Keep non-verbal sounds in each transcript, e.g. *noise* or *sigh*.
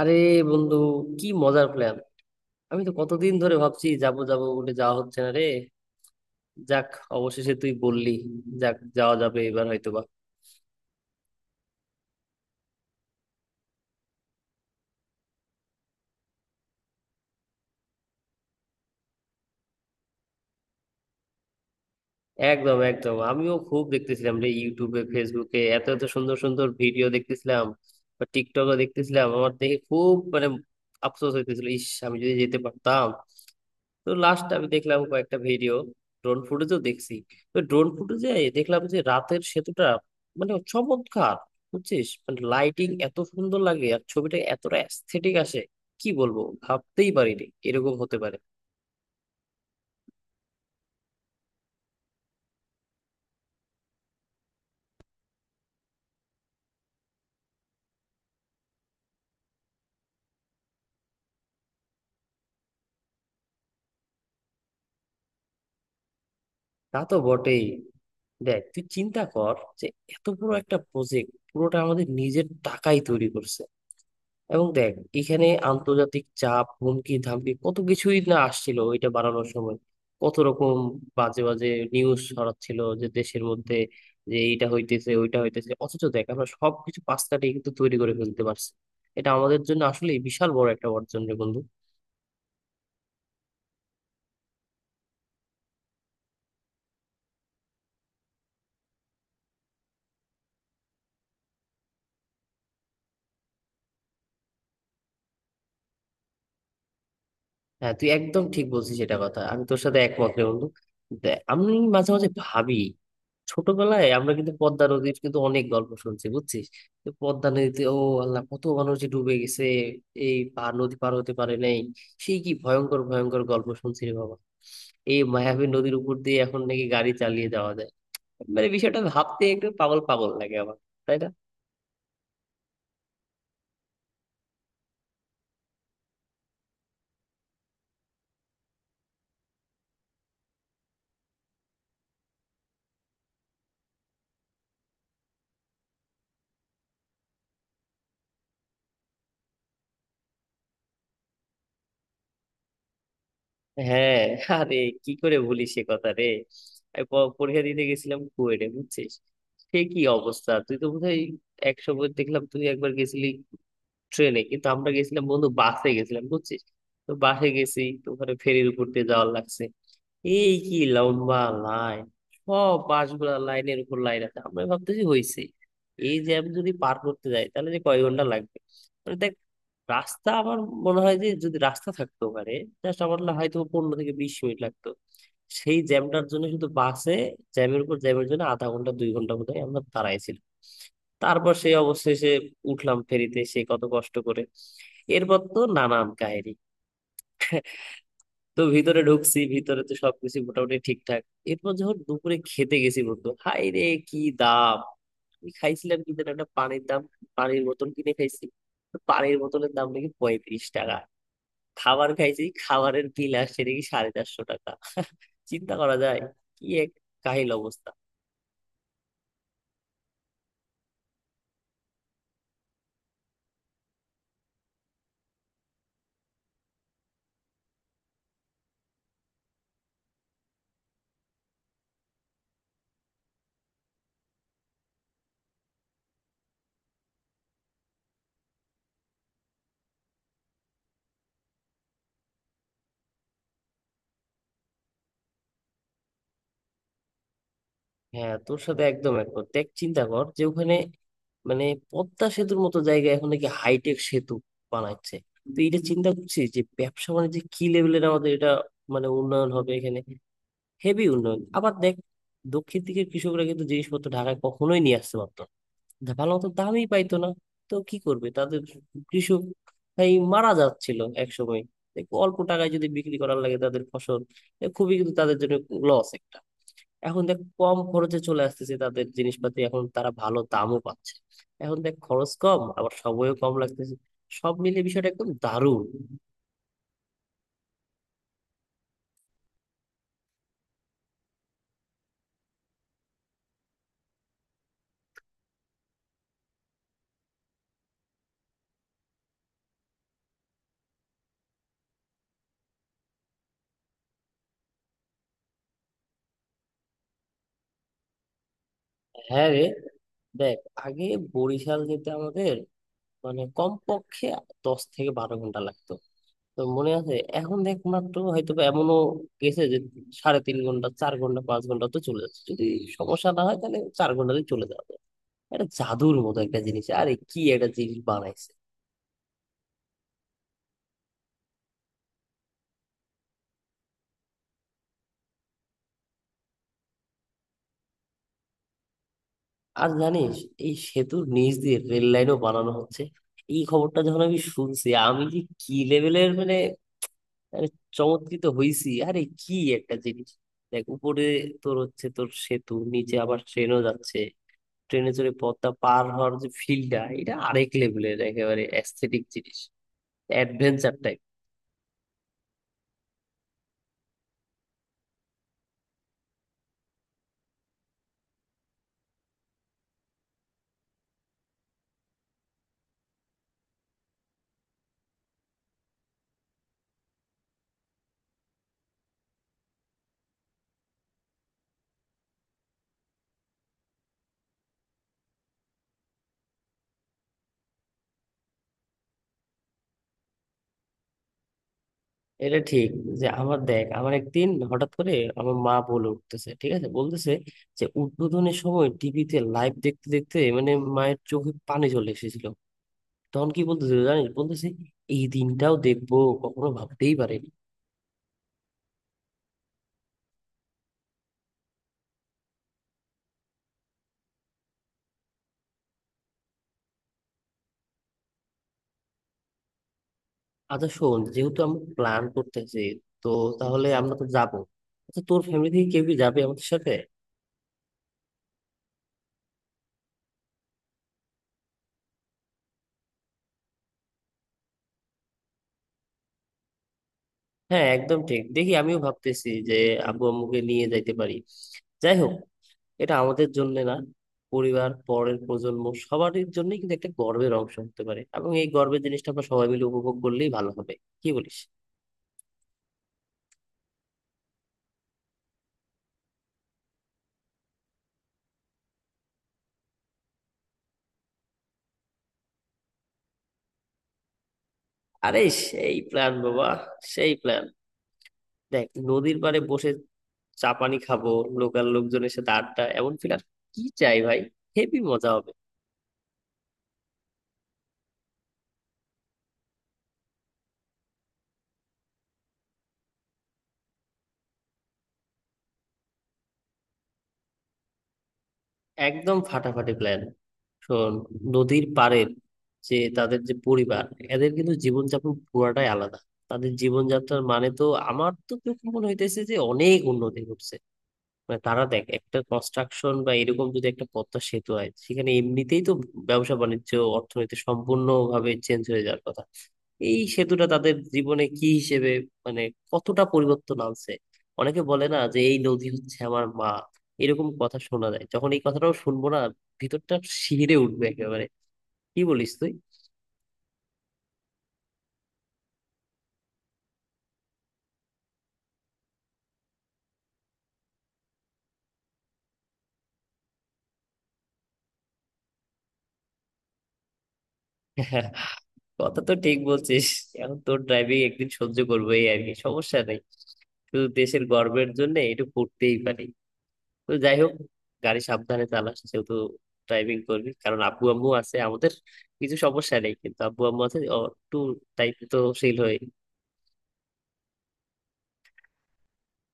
আরে বন্ধু, কি মজার প্ল্যান! আমি তো কতদিন ধরে ভাবছি যাবো যাবো বলে যাওয়া হচ্ছে না রে। যাক, অবশেষে তুই বললি। যাক, যাওয়া যাবে এবার হয়তোবা। একদম একদম, আমিও খুব দেখতেছিলাম রে, ইউটিউবে ফেসবুকে এত এত সুন্দর সুন্দর ভিডিও দেখতেছিলাম। বা টিকটকও দেখতেছিলাম। আমার দেখে খুব মানে আফসোস হইতেছিল, ইস আমি যদি যেতে পারতাম। তো লাস্ট আমি দেখলাম কয়েকটা ভিডিও, ড্রোন ফুটেজও দেখছি। তো ড্রোন ফুটেজে দেখলাম যে রাতের সেতুটা মানে চমৎকার। বুঝছিস, মানে লাইটিং এত সুন্দর লাগে আর ছবিটা এতটা অ্যাস্থেটিক আসে, কি বলবো। ভাবতেই পারিনি এরকম হতে পারে। তা তো বটেই। দেখ তুই চিন্তা কর যে এত বড় একটা প্রজেক্ট পুরোটা আমাদের নিজের টাকাই তৈরি করছে। এবং দেখ, এখানে আন্তর্জাতিক চাপ, হুমকি ধামকি কত কিছুই না আসছিল ওইটা বানানোর সময়। কত রকম বাজে বাজে নিউজ ছড়াচ্ছিল যে দেশের মধ্যে, যে এইটা হইতেছে ওইটা হইতেছে, অথচ দেখ আমরা সবকিছু পাশ কাটিয়ে কিন্তু তৈরি করে ফেলতে পারছি। এটা আমাদের জন্য আসলে বিশাল বড় একটা অর্জন রে বন্ধু। হ্যাঁ, তুই একদম ঠিক বলছিস, এটা কথা আমি তোর সাথে একমত রে বন্ধু। দেখ, আমি মাঝে মাঝে ভাবি, ছোটবেলায় আমরা কিন্তু পদ্মা নদীর কিন্তু অনেক গল্প শুনছি বুঝছিস। তো পদ্মা নদীতে ও আল্লাহ, কত মানুষ যে ডুবে গেছে, এই পার নদী পার হতে পারে নাই। সেই কি ভয়ঙ্কর ভয়ঙ্কর গল্প শুনছি রে বাবা। এই মায়াবী নদীর উপর দিয়ে এখন নাকি গাড়ি চালিয়ে যাওয়া যায়, মানে বিষয়টা ভাবতে একটু পাগল পাগল লাগে আমার, তাই না? হ্যাঁ। আরে কি করে ভুলিস সে কথা রে। আমি পরীক্ষা দিতে গেছিলাম কুয়েটে, বুঝছিস। সে কি অবস্থা! তুই তো বোধহয়, এক সময় দেখলাম তুই একবার গেছিলি ট্রেনে, কিন্তু আমরা গেছিলাম বন্ধু বাসে গেছিলাম বুঝছিস। তো বাসে গেছি তো ওখানে ফেরির উপর দিয়ে যাওয়ার লাগছে। এই কি লম্বা লাইন! সব বাসগুলা লাইনের উপর লাইন আছে। আমরা ভাবতেছি হয়েছে, এই জ্যাম যদি পার করতে যাই তাহলে যে কয় ঘন্টা লাগবে। মানে দেখ, রাস্তা আমার মনে হয় যে যদি রাস্তা থাকতো পারে, জাস্ট আমার না হয়তো 15 থেকে 20 মিনিট লাগতো। সেই জ্যামটার জন্য শুধু বাসে, জ্যামের উপর জ্যামের জন্য আধা ঘন্টা 2 ঘন্টা বোধ হয় আমরা দাঁড়াইছিলাম। তারপর সেই অবশেষে উঠলাম ফেরিতে, সে কত কষ্ট করে। এরপর তো নানান কাহিনী। তো ভিতরে ঢুকছি, ভিতরে তো সবকিছু মোটামুটি ঠিকঠাক। এরপর যখন দুপুরে খেতে গেছি বন্ধু, হাই রে কি দাম! আমি খাইছিলাম কি যেন একটা, পানির দাম, পানির বোতল কিনে খাইছি, তো পানির বোতলের দাম নাকি 35 টাকা। খাবার খাইছি, খাবারের বিল আসছে নাকি 450 টাকা। চিন্তা করা যায়? কি এক কাহিল অবস্থা। হ্যাঁ তোর সাথে একদম একমত। দেখ চিন্তা কর যে ওখানে, মানে পদ্মা সেতুর মতো জায়গায় এখন নাকি হাইটেক সেতু বানাচ্ছে। তো এটা চিন্তা করছি যে ব্যবসা বাণিজ্যে কি লেভেলের আমাদের এটা মানে উন্নয়ন হবে এখানে, হেভি উন্নয়ন। আবার দেখ, দক্ষিণ দিকের কৃষকরা কিন্তু জিনিসপত্র ঢাকায় কখনোই নিয়ে আসতে পারতো না। ভালো মতো দামই পাইতো না। তো কি করবে তাদের কৃষক, এই মারা যাচ্ছিল এক সময়। অল্প টাকায় যদি বিক্রি করার লাগে তাদের ফসল, এ খুবই কিন্তু তাদের জন্য লস একটা। এখন দেখ কম খরচে চলে আসতেছে তাদের জিনিসপাতি, এখন তারা ভালো দামও পাচ্ছে। এখন দেখ খরচ কম, আবার সময়ও কম লাগতেছে। সব মিলে বিষয়টা একদম দারুণ। হ্যাঁ রে। দেখ আগে বরিশাল যেতে আমাদের মানে কমপক্ষে 10 থেকে 12 ঘন্টা লাগতো, তো মনে আছে। এখন দেখ মাত্র হয়তো বা, এমনও গেছে যে 3.5 ঘন্টা, 4 ঘন্টা, 5 ঘন্টা তো চলে যাচ্ছে। যদি সমস্যা না হয় তাহলে 4 ঘন্টাতে চলে যাবে। এটা জাদুর মতো একটা জিনিস, আরে কি একটা জিনিস বানাইছে! আর জানিস, এই সেতুর নিচ দিয়ে রেল লাইনও বানানো হচ্ছে। এই খবরটা যখন আমি শুনছি, আমি যে কি লেভেলের মানে, মানে চমৎকৃত হইছি। আরে কি একটা জিনিস! দেখ উপরে তোর হচ্ছে তোর সেতু, নিচে আবার ট্রেনও যাচ্ছে। ট্রেনে চড়ে পথটা পার হওয়ার যে ফিলটা, এটা আরেক লেভেলের একেবারে অ্যাস্থেটিক জিনিস, অ্যাডভেঞ্চার। এটা ঠিক। যে আমার, দেখ আমার একদিন হঠাৎ করে আমার মা বলে উঠতেছে, ঠিক আছে বলতেছে যে উদ্বোধনের সময় টিভিতে লাইভ দেখতে দেখতে মানে মায়ের চোখে পানি চলে এসেছিল। তখন কি বলতেছে জানিস, বলতেছে এই দিনটাও দেখবো কখনো ভাবতেই পারিনি। আচ্ছা শোন, যেহেতু আমরা প্ল্যান করতেছি, তো তাহলে আমরা তো যাবো, আচ্ছা তোর ফ্যামিলি থেকে কেউ কি যাবে আমাদের সাথে? হ্যাঁ একদম ঠিক, দেখি আমিও ভাবতেছি যে আব্বু আম্মুকে নিয়ে যাইতে পারি। যাই হোক, এটা আমাদের জন্য না, পরিবার, পরের প্রজন্ম সবারই জন্য কিন্তু একটা গর্বের অংশ হতে পারে, এবং এই গর্বের জিনিসটা আমরা সবাই মিলে উপভোগ করলেই ভালো হবে। কি বলিস? আরে, সেই প্ল্যান বাবা, সেই প্ল্যান। দেখ নদীর পাড়ে বসে চা পানি খাবো, লোকাল লোকজনের সাথে আড্ডা, এমন ফিল আর কি চাই ভাই। হেভি মজা হবে। একদম ফাটাফাটি প্ল্যান। শোন, নদীর পাড়ের যে, তাদের যে পরিবার, এদের কিন্তু জীবনযাপন পুরাটাই আলাদা। তাদের জীবনযাত্রার মানে তো, আমার তো চোখে মনে হইতেছে যে অনেক উন্নতি ঘটছে। মানে তারা দেখ, একটা কনস্ট্রাকশন বা এরকম যদি একটা পদ্মা সেতু হয় সেখানে, এমনিতেই তো ব্যবসা বাণিজ্য অর্থনীতি সম্পূর্ণভাবে চেঞ্জ হয়ে যাওয়ার কথা। এই সেতুটা তাদের জীবনে কি হিসেবে মানে কতটা পরিবর্তন আনছে। অনেকে বলে না যে এই নদী হচ্ছে আমার মা, এরকম কথা শোনা যায়, যখন এই কথাটাও শুনবো না, ভিতরটা শিহরে উঠবে একেবারে। কি বলিস তুই? *laughs* কথা তো ঠিক বলছিস। এখন তোর ড্রাইভিং একদিন সহ্য করবো, এই আর কি, সমস্যা নেই। শুধু দেশের গর্বের জন্য এটা করতেই পারি। তো যাই হোক, গাড়ি সাবধানে চালাস যেহেতু ড্রাইভিং করবি, কারণ আব্বু আম্মু আছে আমাদের। কিছু সমস্যা নেই কিন্তু আব্বু আম্মু আছে, ও একটু দায়িত্বশীল হয়ে।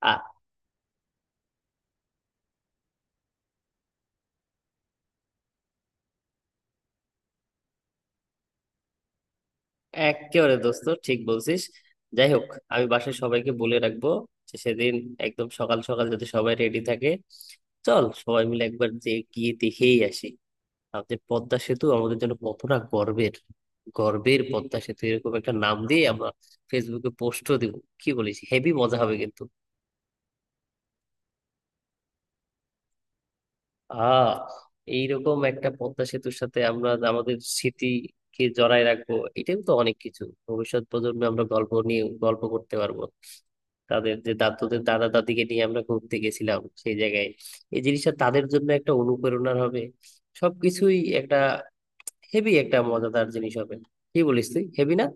আ, একেবারে দোস্ত, ঠিক বলছিস। যাই হোক, আমি বাসায় সবাইকে বলে রাখবো যে সেদিন একদম সকাল সকাল যদি সবাই রেডি থাকে, চল সবাই মিলে একবার যে গিয়ে দেখেই আসি, আমাদের পদ্মা সেতু আমাদের জন্য কতটা গর্বের। গর্বের পদ্মা সেতু, এরকম একটা নাম দিয়ে আমরা ফেসবুকে পোস্টও দিব। কি বলিস, হেভি মজা হবে কিন্তু। আহ, এইরকম একটা পদ্মা সেতুর সাথে আমরা আমাদের স্মৃতিকে জড়ায় রাখবো, এটাই তো অনেক কিছু। ভবিষ্যৎ প্রজন্মে আমরা গল্প নিয়ে গল্প করতে পারবো, তাদের যে দাদুদের দাদা দাদিকে নিয়ে আমরা ঘুরতে গেছিলাম সেই জায়গায়। এই জিনিসটা তাদের জন্য একটা অনুপ্রেরণার হবে। সবকিছুই একটা হেভি একটা মজাদার জিনিস হবে। কি বলিস তুই, হেভি না?